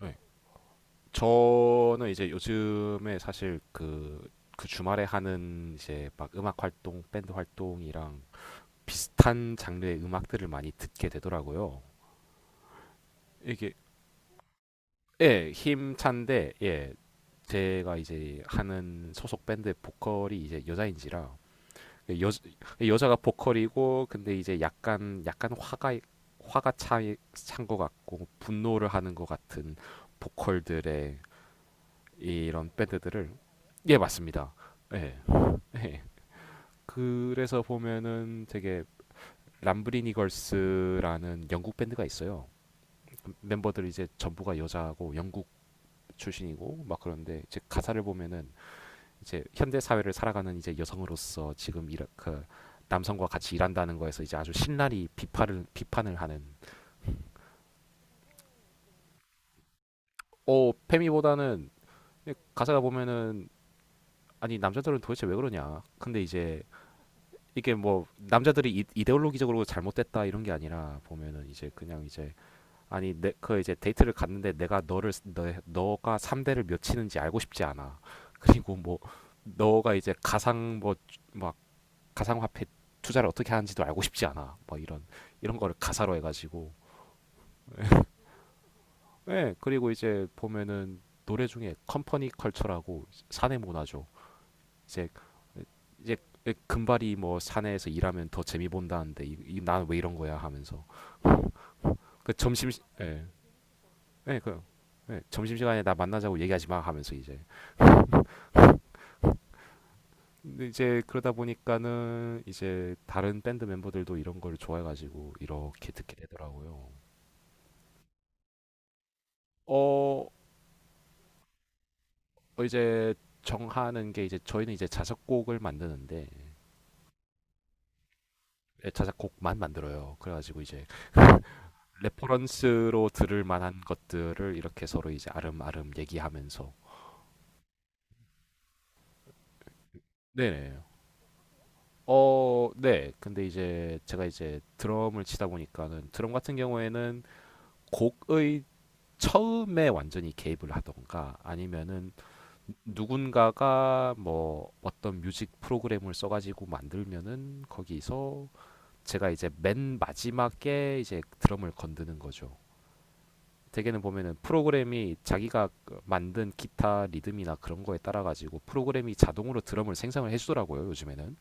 네. 저는 이제 요즘에 사실 그, 주말에 하는 이제 막 음악 활동, 밴드 활동이랑 비슷한 장르의 음악들을 많이 듣게 되더라고요. 이게, 예, 힘찬데, 예, 제가 이제 하는 소속 밴드의 보컬이 이제 여자인지라, 예, 여자가 보컬이고, 근데 이제 약간, 약간 화가 차, 찬것 같고, 분노를 하는 것 같은 보컬들의 이런 밴드들을 예 맞습니다. 예. 예. 그래서 보면은 되게 람브리니 걸스라는 영국 밴드가 있어요. 멤버들 이제 전부가 여자고 영국 출신이고 막 그런데 이제 가사를 보면은 이제 현대 사회를 살아가는 이제 여성으로서 지금 이렇 그 남성과 같이 일한다는 거에서 이제 아주 신랄히 비판을 하는. 페미보다는 가사가 보면은 아니 남자들은 도대체 왜 그러냐. 근데 이제 이게 뭐 남자들이 이데올로기적으로 잘못됐다 이런 게 아니라 보면은 이제 그냥 이제 아니 내 그 이제 데이트를 갔는데 내가 너를 너가 3대를 몇 치는지 알고 싶지 않아. 그리고 뭐 너가 이제 가상 뭐 막 가상 화폐 투자를 어떻게 하는지도 알고 싶지 않아. 뭐 이런 거를 가사로 해 가지고. 예, 그리고 이제 보면은 노래 중에 컴퍼니 컬처라고 사내 문화죠. 이제 이제 예, 금발이 뭐 사내에서 일하면 더 재미 본다는데 이 난 왜 이런 거야 하면서 예. 예, 그 예, 점심 시간에 나 만나자고 얘기하지 마 하면서 이제. 근데 이제 그러다 보니까는 이제 다른 밴드 멤버들도 이런 걸 좋아해 가지고 이렇게 듣게 되더라고요. 어, 어, 이제 정하는 게 이제 저희는 이제 자작곡을 만드는데 예, 자작곡만 만들어요. 그래 가지고 이제 레퍼런스로 들을 만한 것들을 이렇게 서로 이제 아름아름 얘기하면서. 네네. 어, 네. 근데 이제 제가 이제 드럼을 치다 보니까는 드럼 같은 경우에는 곡의 처음에 완전히 개입을 하던가 아니면은 누군가가 뭐 어떤 뮤직 프로그램을 써가지고 만들면은 거기서 제가 이제 맨 마지막에 이제 드럼을 건드는 거죠. 대개는 보면은 프로그램이 자기가 그 만든 기타 리듬이나 그런 거에 따라 가지고 프로그램이 자동으로 드럼을 생성을 해주더라고요 요즘에는.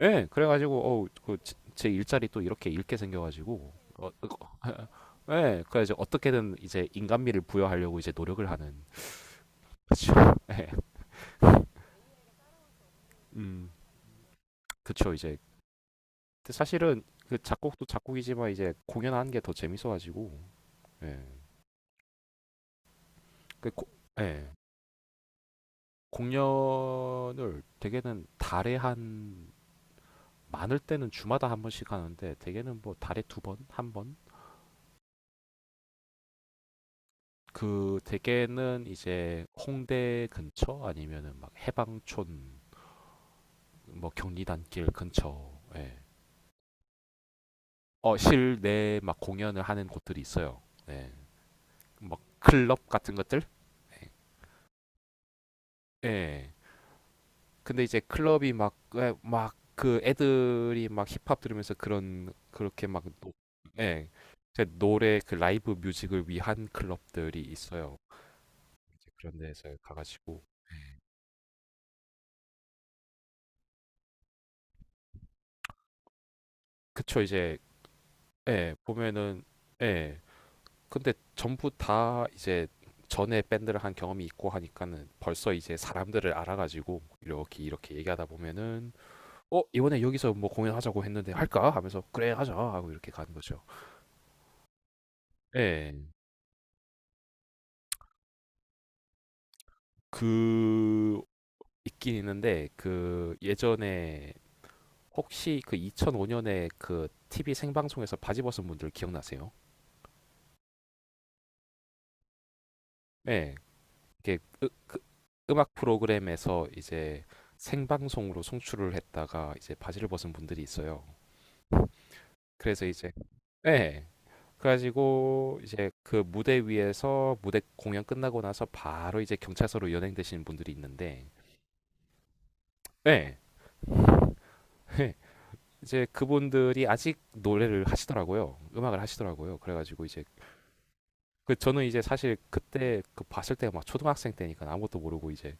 예, 그래가지고 그제 일자리 또 이렇게 잃게 생겨가지고 어, 네, 그래서 어떻게든 이제 인간미를 부여하려고 이제 노력을 하는. 그렇죠. 네. 음, 그렇죠. 이제 근데 사실은 그 작곡도 작곡이지만 이제 공연하는 게 더 재밌어가지고, 예, 그 고, 예, 공연을 대개는 달에 한 많을 때는 주마다 한 번씩 하는데 대개는 뭐 달에 두 번, 한 번. 그 대개는 이제 홍대 근처 아니면은 막 해방촌 뭐 경리단길 근처, 예. 어, 실내 막 공연을 하는 곳들이 있어요. 네. 막 클럽 같은 것들. 예. 네. 근데 이제 클럽이 막 그 애들이 막 힙합 들으면서 그런 그렇게 예. 제 노래 그 라이브 뮤직을 위한 클럽들이 있어요. 이제 그런 데서 가가지고 그쵸 이제 예, 보면은 예. 근데 전부 다 이제 전에 밴드를 한 경험이 있고 하니까는 벌써 이제 사람들을 알아가지고 이렇게 얘기하다 보면은 어 이번에 여기서 뭐 공연하자고 했는데 할까 하면서 그래 하자 하고 이렇게 가는 거죠. 예. 그 있긴 있는데 그 예전에 혹시 그 2005년에 그 TV 생방송에서 바지 벗은 분들 기억나세요? 예. 이게 음악 프로그램에서 이제 생방송으로 송출을 했다가 이제 바지를 벗은 분들이 있어요. 그래서 이제 예. 그래가지고 이제 그 무대 위에서 무대 공연 끝나고 나서 바로 이제 경찰서로 연행되시는 분들이 있는데, 네. 이제 그분들이 아직 노래를 하시더라고요. 음악을 하시더라고요. 그래가지고 이제 그 저는 이제 사실 그때 그 봤을 때 막 초등학생 때니까 아무것도 모르고 이제.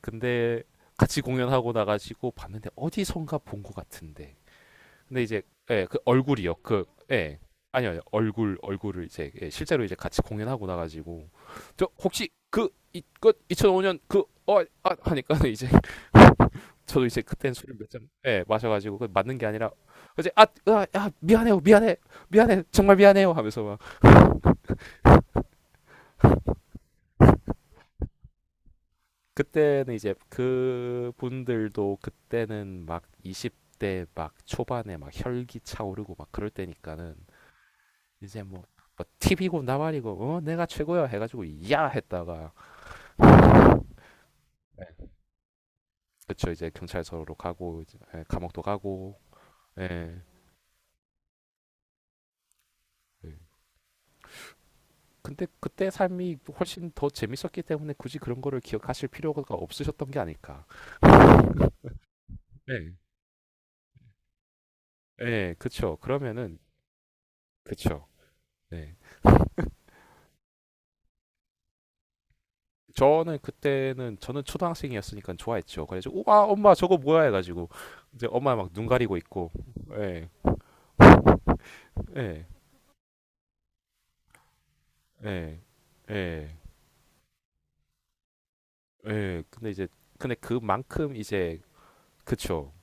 근데 같이 공연하고 나가지고 봤는데 어디선가 본 것 같은데 근데 이제 예, 그 얼굴이요. 그 예. 아니요. 아니요. 얼굴을 이제 예, 실제로 이제 같이 공연하고 나 가지고 저 혹시 그 이그 2005년 하니까 이제 저도 이제 그땐 술을 몇 잔 예, 마셔 가지고 그 맞는 게 아니라 이제 미안해요. 미안해. 미안해. 정말 미안해요 하면서 막. 그때는 이제 그 분들도 그때는 막 20대 막 초반에 막 혈기 차오르고 막 그럴 때니까는 이제 뭐, 팁이고 나발이고 어 내가 최고야 해가지고 야 했다가. 네. 그쵸 이제 경찰서로 가고 이제 예, 감옥도 가고 예. 예. 근데 그때 삶이 훨씬 더 재밌었기 때문에 굳이 그런 거를 기억하실 필요가 없으셨던 게 아닐까. 네. 예, 그쵸. 그러면은, 그쵸. 네. 저는 그때는, 저는 초등학생이었으니까 좋아했죠. 그래서, 우와, 엄마 저거 뭐야 해가지고, 이제 엄마 막 눈 가리고 있고, 예, 예, 예, 예. 예, 근데 그만큼 이제 그쵸.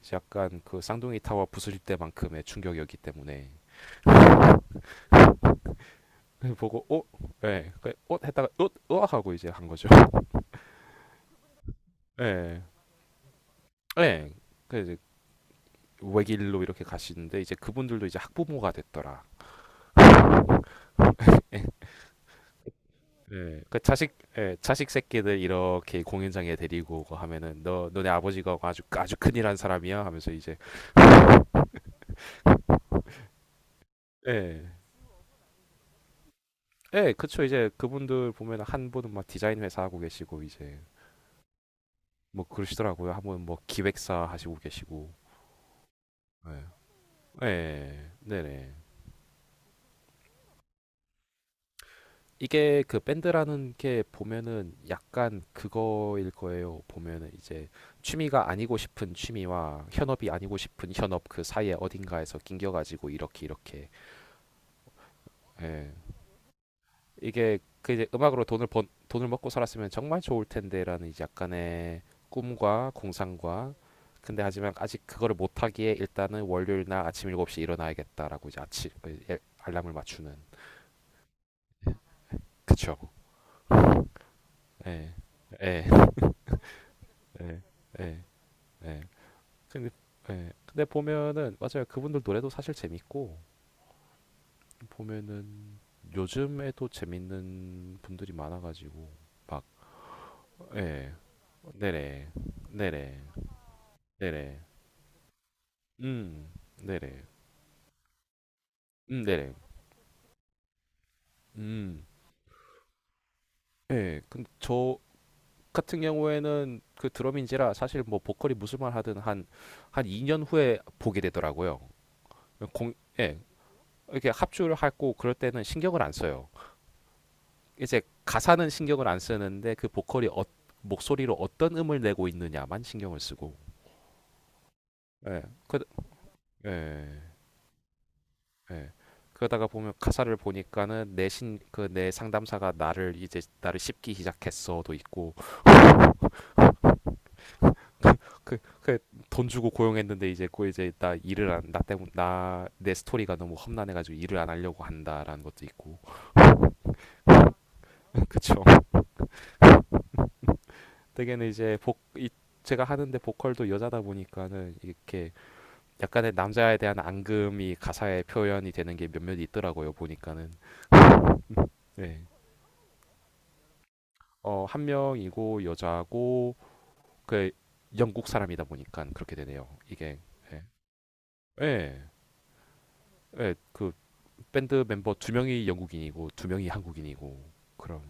이제 약간 그 쌍둥이 타워 부수실 때만큼의 충격이었기 때문에. 보고 어? 예. 그 어? 했다가 어? 어? 하고 이제 한 거죠. 예. 예. 그 이제 외길로 이렇게 가시는데 이제 그분들도 이제 학부모가 됐더라. 예. 예. 그 자식 예, 자식 새끼들 이렇게 공연장에 데리고 오고 하면은 너 너네 아버지가 아주 아주 큰일 한 사람이야 하면서 이제. 예. 예, 그쵸. 이제 그분들 보면 한 분은 막 디자인 회사 하고 계시고, 이제 뭐 그러시더라고요. 한 분은 뭐 기획사 하시고 계시고. 예. 예, 네네. 이게 그 밴드라는 게 보면은 약간 그거일 거예요. 보면은 이제 취미가 아니고 싶은 취미와 현업이 아니고 싶은 현업 그 사이에 어딘가에서 낑겨가지고 이렇게. 예. 이게 그 이제 음악으로 돈을 먹고 살았으면 정말 좋을 텐데라는 이제 약간의 꿈과 공상과. 근데 하지만 아직 그거를 못 하기에 일단은 월요일 날 아침 일곱 시 일어나야겠다라고 이제 아침 그 예, 알람을 맞추는. 그쵸 예. 예. 예. 예. 예. 근데 예. 근데 보면은 맞아요. 그분들 노래도 사실 재밌고 보면은 요즘에도 재밌는 분들이 많아가지고 막. 예. 네네. 네네. 네네. 음. 네네. 네네. 음. 예. 근데 저 같은 경우에는 그 드럼인지라 사실 뭐 보컬이 무슨 말 하든 한 2년 후에 보게 되더라고요. 공 예. 이렇게 합주를 하고 그럴 때는 신경을 안 써요. 이제 가사는 신경을 안 쓰는데 그 보컬이 목소리로 어떤 음을 내고 있느냐만 신경을 쓰고. 예. 그 예. 예. 그러다가 보면 가사를 보니까는 내신 그 내 상담사가 나를 씹기 시작했어도 있고 그, 그, 돈 주고 고용했는데 이제 꼭 이제 나 일을 안 나 때문 나내 스토리가 너무 험난해가지고 일을 안 하려고 한다라는 것도 있고. 그쵸 되게는 이제 복 이, 제가 하는데 보컬도 여자다 보니까는 이렇게 약간의 남자에 대한 앙금이 가사에 표현이 되는 게 몇몇 있더라고요 보니까는. 네어한 명이고 여자고 그 영국 사람이다 보니까 그렇게 되네요 이게. 예 예, 예, 그 밴드 멤버 두 명이 영국인이고 두 명이 한국인이고 그럼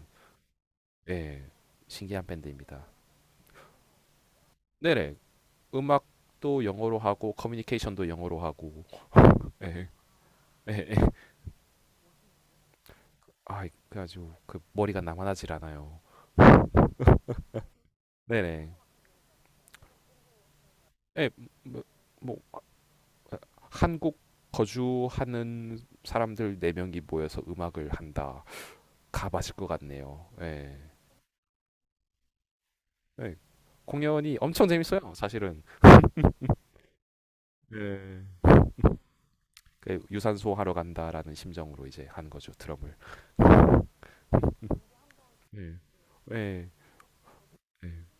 예, 신기한 밴드입니다. 네네, 음악도 영어로 하고 커뮤니케이션도 영어로 하고, 예, 예, 예. 아, 그래가지고 그 머리가 남아나질 않아요. 네네, 예, 뭐, 뭐 아, 한국 거주하는 사람들 네 명이 모여서 음악을 한다. 가봐실 것 같네요. 예, 예. 공연이 엄청 재밌어요, 사실은. 예. 그 유산소 하러 간다라는 심정으로 이제 한 거죠, 드럼을. 예. 예. 예.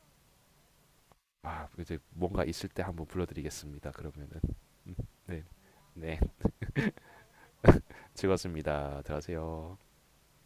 아 이제 뭔가 있을 때 한번 불러드리겠습니다. 그러면은 음, 네, 네, 즐거웠습니다. 들어가세요.